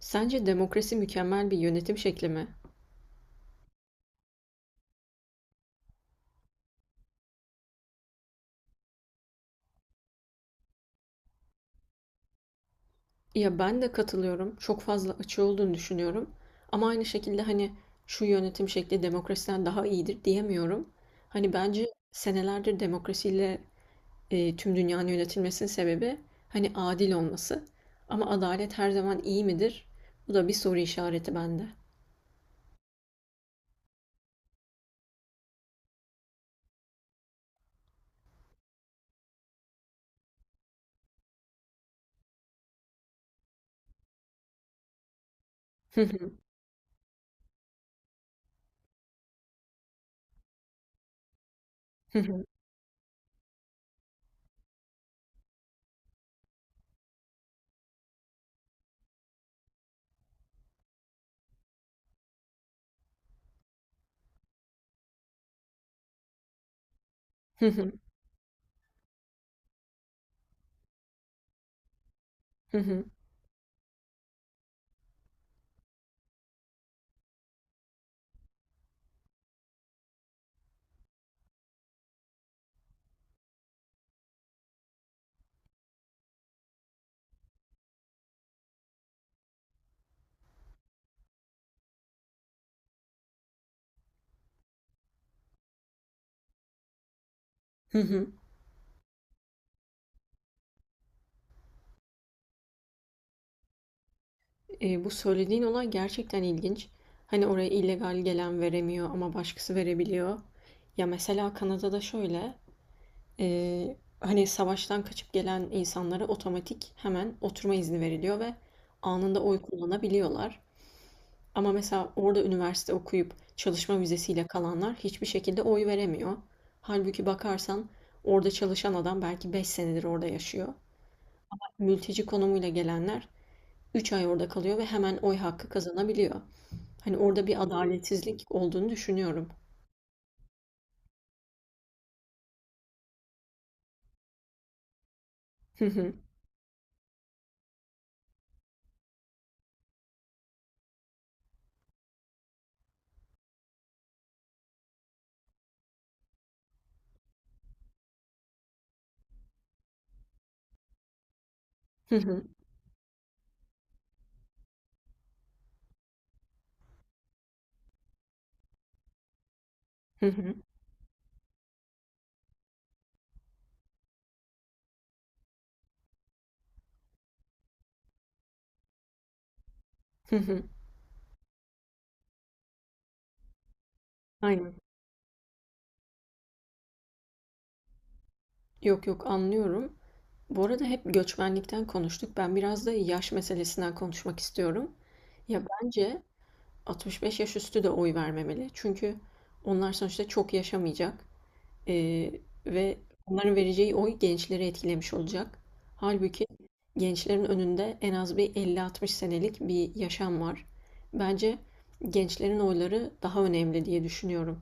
Sence demokrasi mükemmel bir yönetim şekli mi? Ya ben de katılıyorum. Çok fazla açığı olduğunu düşünüyorum. Ama aynı şekilde hani şu yönetim şekli demokrasiden daha iyidir diyemiyorum. Hani bence senelerdir demokrasiyle tüm dünyanın yönetilmesinin sebebi hani adil olması. Ama adalet her zaman iyi midir? Bu da bir soru işareti bende. Bu söylediğin olay gerçekten ilginç. Hani oraya illegal gelen veremiyor ama başkası verebiliyor. Ya mesela Kanada'da şöyle, hani savaştan kaçıp gelen insanlara otomatik hemen oturma izni veriliyor ve anında oy kullanabiliyorlar. Ama mesela orada üniversite okuyup çalışma vizesiyle kalanlar hiçbir şekilde oy veremiyor. Halbuki bakarsan orada çalışan adam belki 5 senedir orada yaşıyor. Mülteci konumuyla gelenler 3 ay orada kalıyor ve hemen oy hakkı kazanabiliyor. Hani orada bir adaletsizlik olduğunu düşünüyorum. Hı hı. Hı hı. Hı hı. Hı hı. Aynen. Yok yok, anlıyorum. Bu arada hep göçmenlikten konuştuk. Ben biraz da yaş meselesinden konuşmak istiyorum. Ya bence 65 yaş üstü de oy vermemeli. Çünkü onlar sonuçta çok yaşamayacak. Ee, ve onların vereceği oy gençleri etkilemiş olacak. Halbuki gençlerin önünde en az bir 50-60 senelik bir yaşam var. Bence gençlerin oyları daha önemli diye düşünüyorum.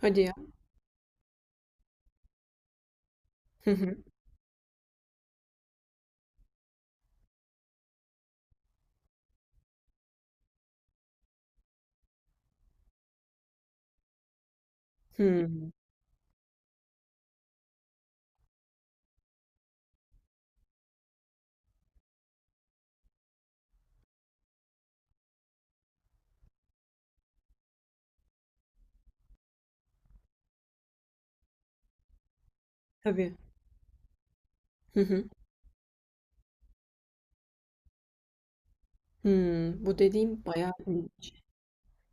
Hadi ya. Hı hı. Hmm. Tabii. Hı hı. Hmm. Bu dediğim bayağı ilginç.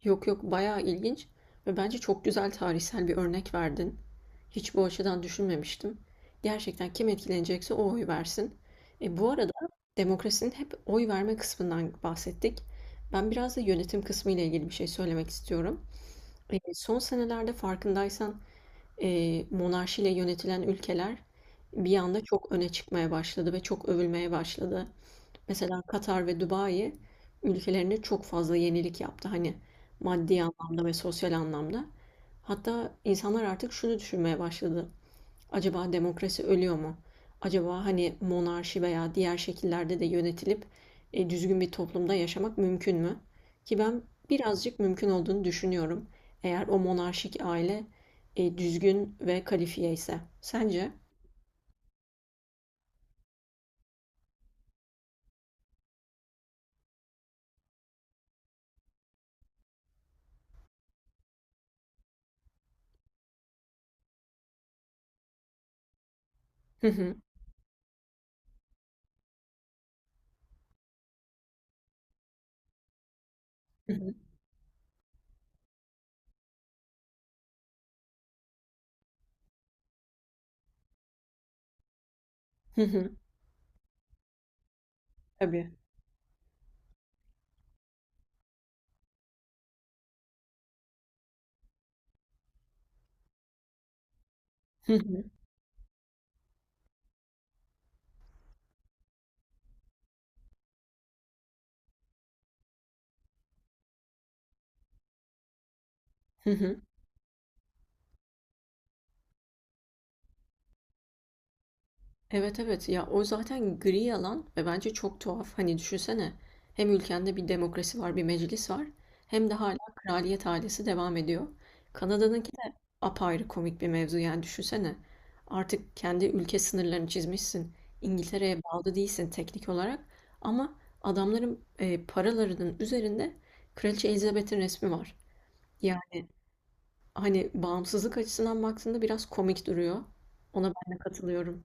Yok yok, bayağı ilginç ve bence çok güzel tarihsel bir örnek verdin. Hiç bu açıdan düşünmemiştim. Gerçekten kim etkilenecekse o oy versin. Bu arada demokrasinin hep oy verme kısmından bahsettik. Ben biraz da yönetim kısmı ile ilgili bir şey söylemek istiyorum. Son senelerde farkındaysan monarşiyle yönetilen ülkeler bir anda çok öne çıkmaya başladı ve çok övülmeye başladı. Mesela Katar ve Dubai ülkelerine çok fazla yenilik yaptı. Hani maddi anlamda ve sosyal anlamda. Hatta insanlar artık şunu düşünmeye başladı. Acaba demokrasi ölüyor mu? Acaba hani monarşi veya diğer şekillerde de yönetilip düzgün bir toplumda yaşamak mümkün mü? Ki ben birazcık mümkün olduğunu düşünüyorum. Eğer o monarşik aile düzgün ve kalifiye ise. Sence? Hı hı. Hı hı. Hı hı. Tabii. Hı hı. Hı hı. Evet, evet, ya o zaten gri alan ve bence çok tuhaf. Hani düşünsene hem ülkende bir demokrasi var, bir meclis var, hem de hala kraliyet ailesi devam ediyor. Kanada'nınki de apayrı komik bir mevzu, yani düşünsene. Artık kendi ülke sınırlarını çizmişsin. İngiltere'ye bağlı değilsin teknik olarak ama adamların paralarının üzerinde Kraliçe Elizabeth'in resmi var. Yani hani bağımsızlık açısından baktığında biraz komik duruyor. Ona ben de katılıyorum.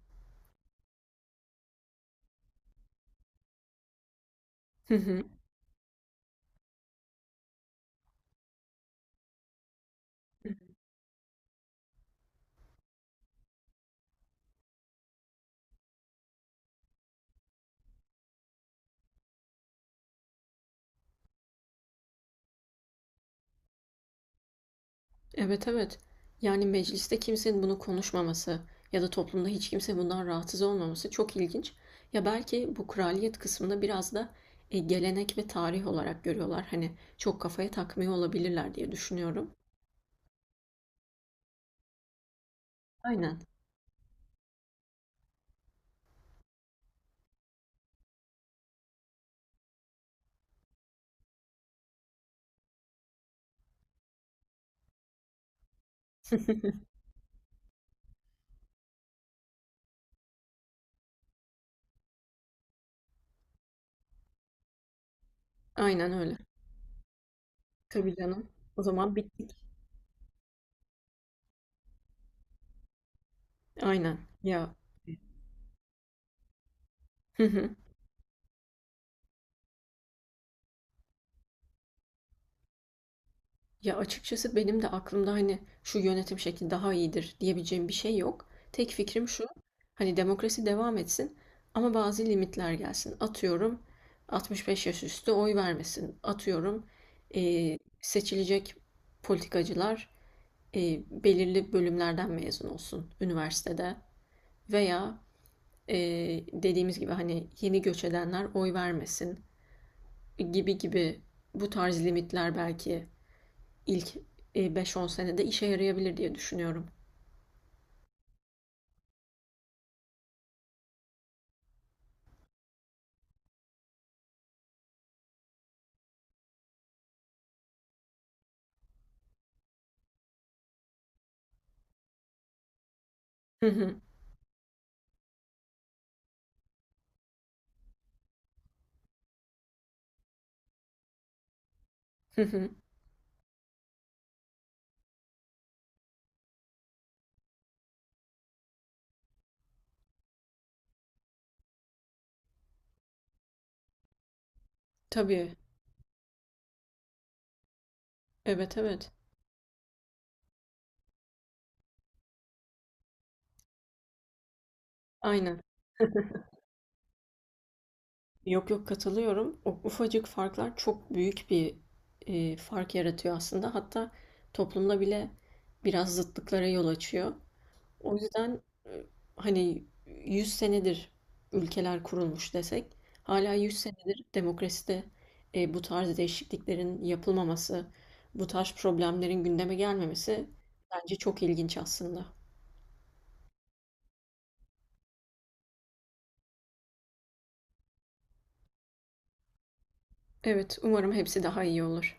Evet, evet. Yani mecliste kimsenin bunu konuşmaması ya da toplumda hiç kimse bundan rahatsız olmaması çok ilginç. Ya belki bu kraliyet kısmını biraz da gelenek ve tarih olarak görüyorlar. Hani çok kafaya takmıyor olabilirler diye düşünüyorum. Aynen. Aynen öyle. Tabii canım. O zaman bittik. Aynen. Ya. Ya açıkçası benim de aklımda hani şu yönetim şekli daha iyidir diyebileceğim bir şey yok. Tek fikrim şu, hani demokrasi devam etsin ama bazı limitler gelsin. Atıyorum 65 yaş üstü oy vermesin. Atıyorum seçilecek politikacılar belirli bölümlerden mezun olsun üniversitede veya dediğimiz gibi hani yeni göç edenler oy vermesin gibi gibi bu tarz limitler belki ilk 5-10 senede işe yarayabilir diye düşünüyorum. Hı hı. Hı hı. Tabii. Evet, evet. Aynen. Yok yok, katılıyorum. O ufacık farklar çok büyük bir fark yaratıyor aslında. Hatta toplumda bile biraz zıtlıklara yol açıyor. O yüzden hani 100 senedir ülkeler kurulmuş desek hala 100 senedir demokraside bu tarz değişikliklerin yapılmaması, bu tarz problemlerin gündeme gelmemesi bence çok ilginç aslında. Evet, umarım hepsi daha iyi olur.